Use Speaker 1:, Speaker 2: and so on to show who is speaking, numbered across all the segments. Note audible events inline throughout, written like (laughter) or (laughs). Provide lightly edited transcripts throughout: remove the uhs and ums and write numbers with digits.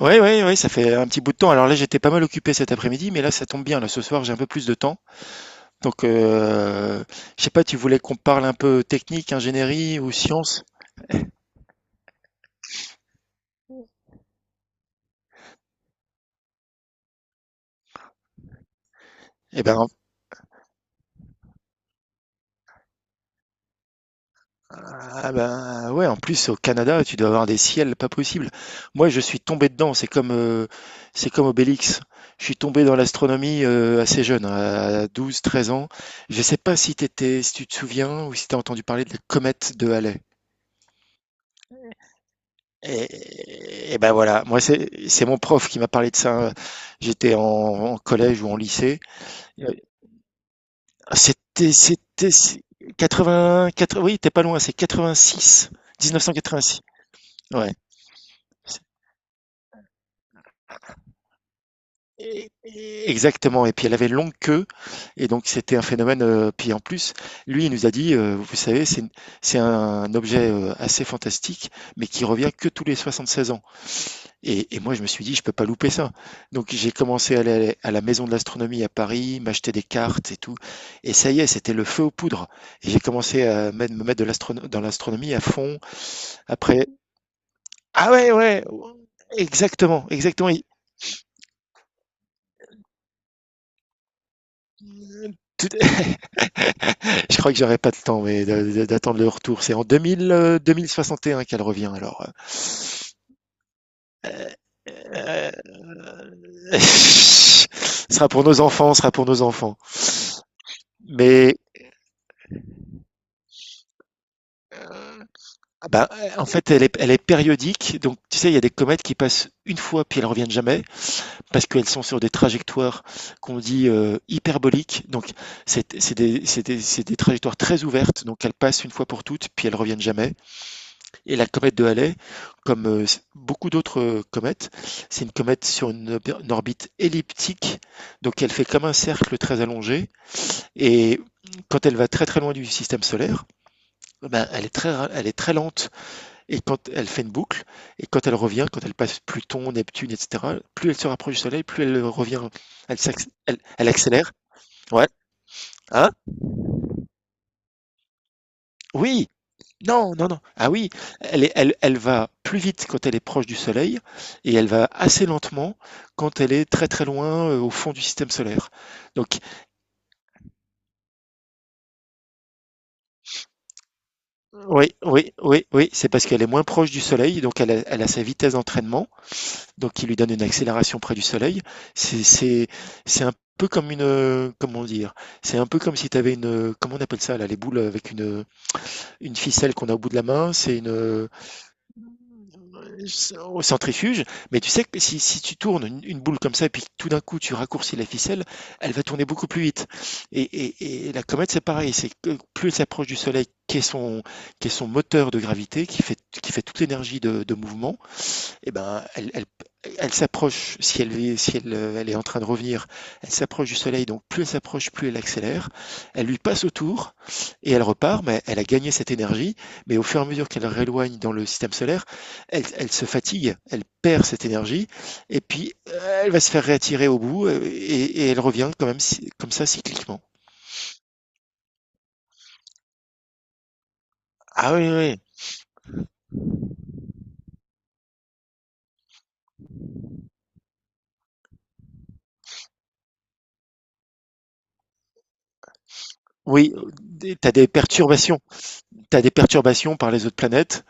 Speaker 1: Ouais, ouais, ouais, ça fait un petit bout de temps. Alors là, j'étais pas mal occupé cet après-midi, mais là, ça tombe bien. Là, ce soir, j'ai un peu plus de temps. Donc, je sais pas, tu voulais qu'on parle un peu technique, ingénierie ou science? Eh ben, ah ben, ouais, en plus, au Canada, tu dois avoir des ciels pas possibles. Moi, je suis tombé dedans. C'est comme Obélix. Je suis tombé dans l'astronomie assez jeune, à 12, 13 ans. Je sais pas si t'étais, si tu te souviens ou si t'as entendu parler de la comète de Halley. Et ben voilà, moi c'est mon prof qui m'a parlé de ça. J'étais en collège ou en lycée. Euh, c'est 80, 80, oui, t'es pas loin, c'est 86, 1986. Ouais. Exactement. Et puis elle avait une longue queue, et donc c'était un phénomène. Puis en plus, lui, il nous a dit, vous savez, c'est un objet assez fantastique, mais qui revient que tous les 76 ans. Et moi, je me suis dit, je peux pas louper ça. Donc, j'ai commencé à aller à la maison de l'astronomie à Paris, m'acheter des cartes et tout. Et ça y est, c'était le feu aux poudres. Et j'ai commencé à me mettre de dans l'astronomie à fond. Après, ah ouais, ouais, ouais, exactement, exactement. Tout- (laughs) Je crois que j'aurai pas le temps, mais d'attendre le retour. C'est en 2000, 2061 qu'elle revient. Alors, euh, (laughs) ce sera pour nos enfants, ce sera pour nos enfants. Mais ah bah, en fait, elle est périodique. Donc, tu sais, il y a des comètes qui passent une fois puis elles reviennent jamais parce qu'elles sont sur des trajectoires qu'on dit hyperboliques. Donc, c'est des trajectoires très ouvertes. Donc, elles passent une fois pour toutes puis elles reviennent jamais. Et la comète de Halley, comme beaucoup d'autres comètes, c'est une comète sur une orbite elliptique. Donc, elle fait comme un cercle très allongé. Et quand elle va très très loin du système solaire, eh ben, elle est très lente, et quand elle fait une boucle, et quand elle revient, quand elle passe Pluton, Neptune, etc., plus elle se rapproche du Soleil, plus elle revient, elle accélère. Ouais. Hein? Oui. Non, non, non. Ah oui. Elle va plus vite quand elle est proche du Soleil, et elle va assez lentement quand elle est très très loin au fond du système solaire. Donc, oui, oui, oui, oui, c'est parce qu'elle est moins proche du Soleil, donc elle a sa vitesse d'entraînement, donc qui lui donne une accélération près du Soleil. C'est c'est c'est un peu comme une comment dire, c'est un peu comme si tu avais une comment on appelle ça là, les boules avec une ficelle qu'on a au bout de la main, c'est une au centrifuge. Mais tu sais que si tu tournes une boule comme ça et puis que tout d'un coup tu raccourcis la ficelle, elle va tourner beaucoup plus vite. Et la comète, c'est pareil, c'est que plus elle s'approche du soleil, qui est son moteur de gravité, qui fait toute l'énergie de mouvement, eh ben, elle s'approche, si, elle est, si elle, elle est en train de revenir, elle s'approche du soleil, donc plus elle s'approche, plus elle accélère. Elle lui passe autour et elle repart, mais elle a gagné cette énergie. Mais au fur et à mesure qu'elle rééloigne dans le système solaire, elle se fatigue, elle perd cette énergie, et puis elle va se faire réattirer au bout, et elle revient quand même, comme ça, cycliquement. Ah oui, oui. Oui, tu as des perturbations. Tu as des perturbations par les autres planètes.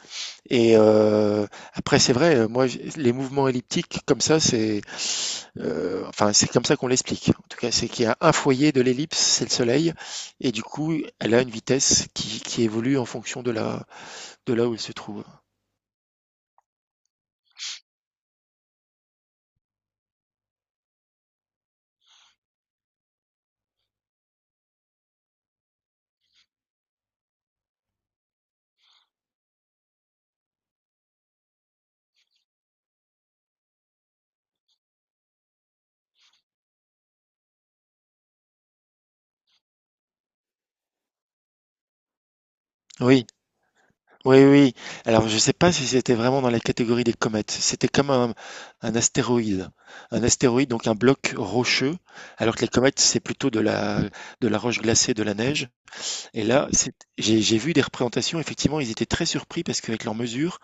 Speaker 1: Et après, c'est vrai, moi, les mouvements elliptiques, comme ça, c'est enfin, c'est comme ça qu'on l'explique. En tout cas, c'est qu'il y a un foyer de l'ellipse, c'est le Soleil, et du coup, elle a une vitesse qui évolue en fonction de là où elle se trouve. Oui, oui, oui. Alors, je ne sais pas si c'était vraiment dans la catégorie des comètes. C'était comme un astéroïde. Un astéroïde, donc un bloc rocheux, alors que les comètes, c'est plutôt de la roche glacée, de la neige. Et là, j'ai vu des représentations, effectivement, ils étaient très surpris parce qu'avec leurs mesures,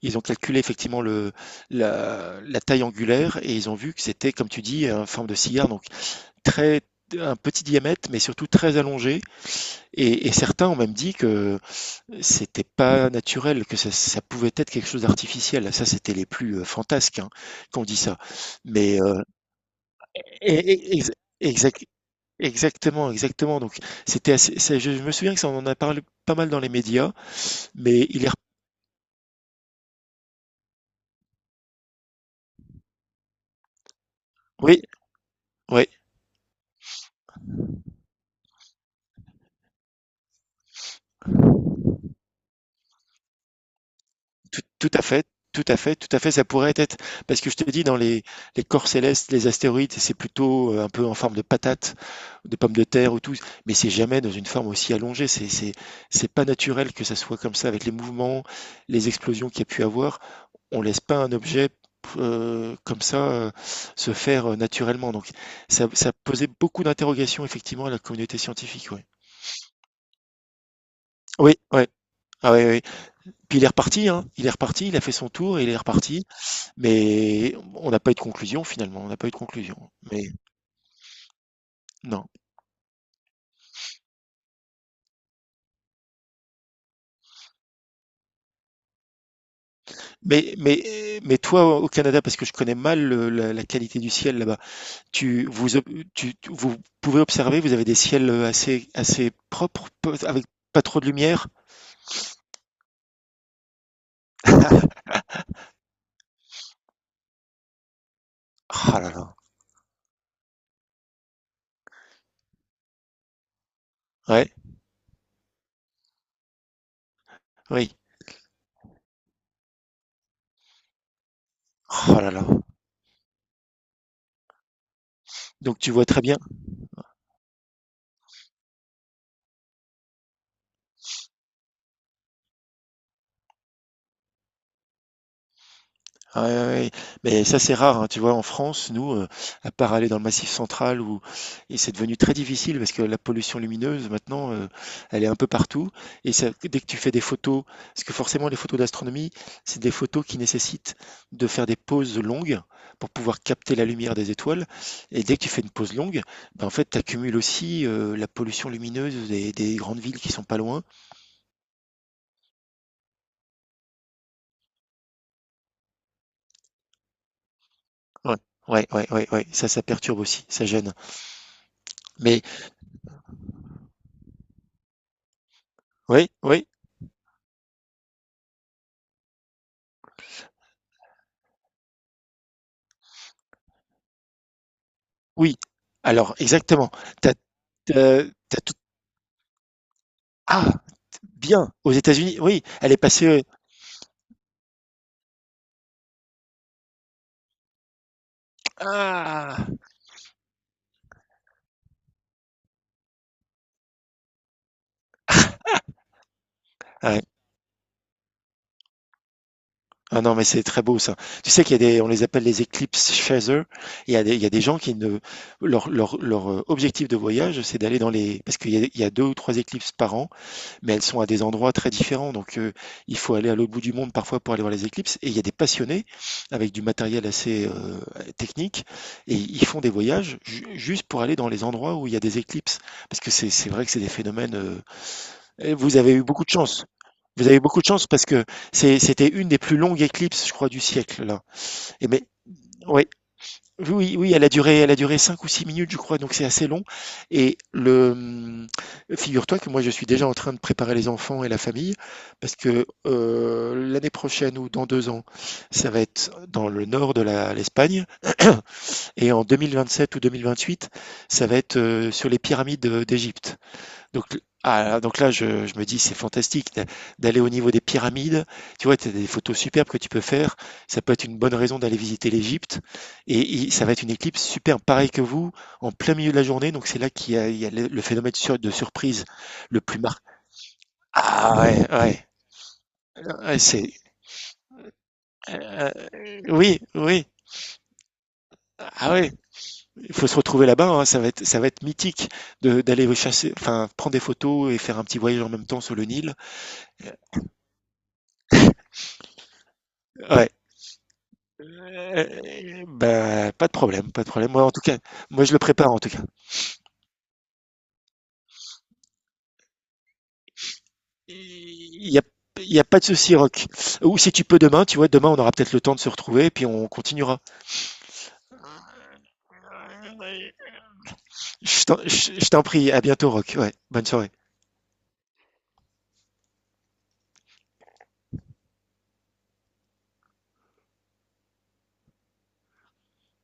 Speaker 1: ils ont calculé effectivement la taille angulaire, et ils ont vu que c'était, comme tu dis, une forme de cigare, donc très, un petit diamètre, mais surtout très allongé. Et certains ont même dit que c'était pas naturel, que ça pouvait être quelque chose d'artificiel. Ça, c'était les plus fantasques, hein, qu'on dit ça. Mais et- et- ex- exact- exactement, exactement. Donc, c'était assez, ça- je me souviens que ça, on en a parlé pas mal dans les médias, mais il est, rep- oui, ouais, tout à fait, tout à fait, tout à fait. Ça pourrait être, parce que je te dis, dans les corps célestes, les astéroïdes, c'est plutôt un peu en forme de patate, de pommes de terre ou tout, mais c'est jamais dans une forme aussi allongée. C'est pas naturel que ça soit comme ça avec les mouvements, les explosions qu'il y a pu avoir. On laisse pas un objet comme ça, se faire naturellement. Donc ça posait beaucoup d'interrogations effectivement à la communauté scientifique. Ouais. Oui, ouais. Ah ouais, ouais. Puis il est reparti, hein. Il est reparti, il a fait son tour et il est reparti. Mais on n'a pas eu de conclusion finalement, on n'a pas eu de conclusion. Mais non. Mais toi, au Canada, parce que je connais mal la qualité du ciel là-bas. Tu, vous, ob- tu- vous pouvez observer, vous avez des ciels assez propres, avec pas trop de lumière. Ah là là. Ouais, oui. Ah là là. Donc tu vois très bien. Ah ouais, ouais. Mais ça, c'est rare, hein. Tu vois, en France, nous, à part aller dans le Massif central, où et c'est devenu très difficile parce que la pollution lumineuse, maintenant, elle est un peu partout. Et ça, dès que tu fais des photos, parce que forcément, les photos d'astronomie, c'est des photos qui nécessitent de faire des pauses longues pour pouvoir capter la lumière des étoiles. Et dès que tu fais une pause longue, ben, en fait, tu accumules aussi la pollution lumineuse des grandes villes qui sont pas loin. Ouais, ouais, ouais, ouais, ouais. Ça perturbe aussi, ça gêne. Mais oui, oui. Oui, alors exactement. T'as as tu tout ah! Bien, aux États-Unis, oui, elle est passée. Ah! Ouais. Ah non, mais c'est très beau ça. Tu sais qu'il y a des on les appelle les Eclipse Chasers. Il y a des gens qui ne objectif de voyage, c'est d'aller dans les parce qu'il y a 2 ou 3 éclipses par an, mais elles sont à des endroits très différents. Donc, il faut aller à l'autre bout du monde parfois pour aller voir les éclipses. Et il y a des passionnés avec du matériel assez technique, et ils font des voyages juste pour aller dans les endroits où il y a des éclipses. Parce que c'est vrai que c'est des phénomènes, et vous avez eu beaucoup de chance. Vous avez eu beaucoup de chance parce que c'était une des plus longues éclipses, je crois, du siècle là. Et mais ouais, oui, oui, elle a duré 5 ou 6 minutes, je crois, donc c'est assez long. Et figure-toi que moi, je suis déjà en train de préparer les enfants et la famille, parce que l'année prochaine ou dans deux ans, ça va être dans le nord de l'Espagne, (clears throat) et en 2027 ou 2028, ça va être sur les pyramides d'Égypte. Donc, donc là, je me dis, c'est fantastique d'aller au niveau des pyramides. Tu vois, tu as des photos superbes que tu peux faire. Ça peut être une bonne raison d'aller visiter l'Égypte. Et, ça va être une éclipse superbe, pareil que vous, en plein milieu de la journée. Donc c'est là qu'il y a le phénomène de de surprise le plus marqué. Ah ouais, ouais, ouais, euh, oui, oui. Ah ouais, il faut se retrouver là-bas, hein, ça va être mythique d'aller chasser, enfin, prendre des photos et faire un petit voyage en même temps sur le Nil. Ouais. Euh, Bah, pas de problème, pas de problème. Moi, en tout cas, moi, je le prépare, en tout cas. Il n'y a, il y a pas de souci, Rock. Ou si tu peux demain, tu vois, demain, on aura peut-être le temps de se retrouver, puis on continuera. Je t'en prie, à bientôt, Rock. Ouais, bonne soirée.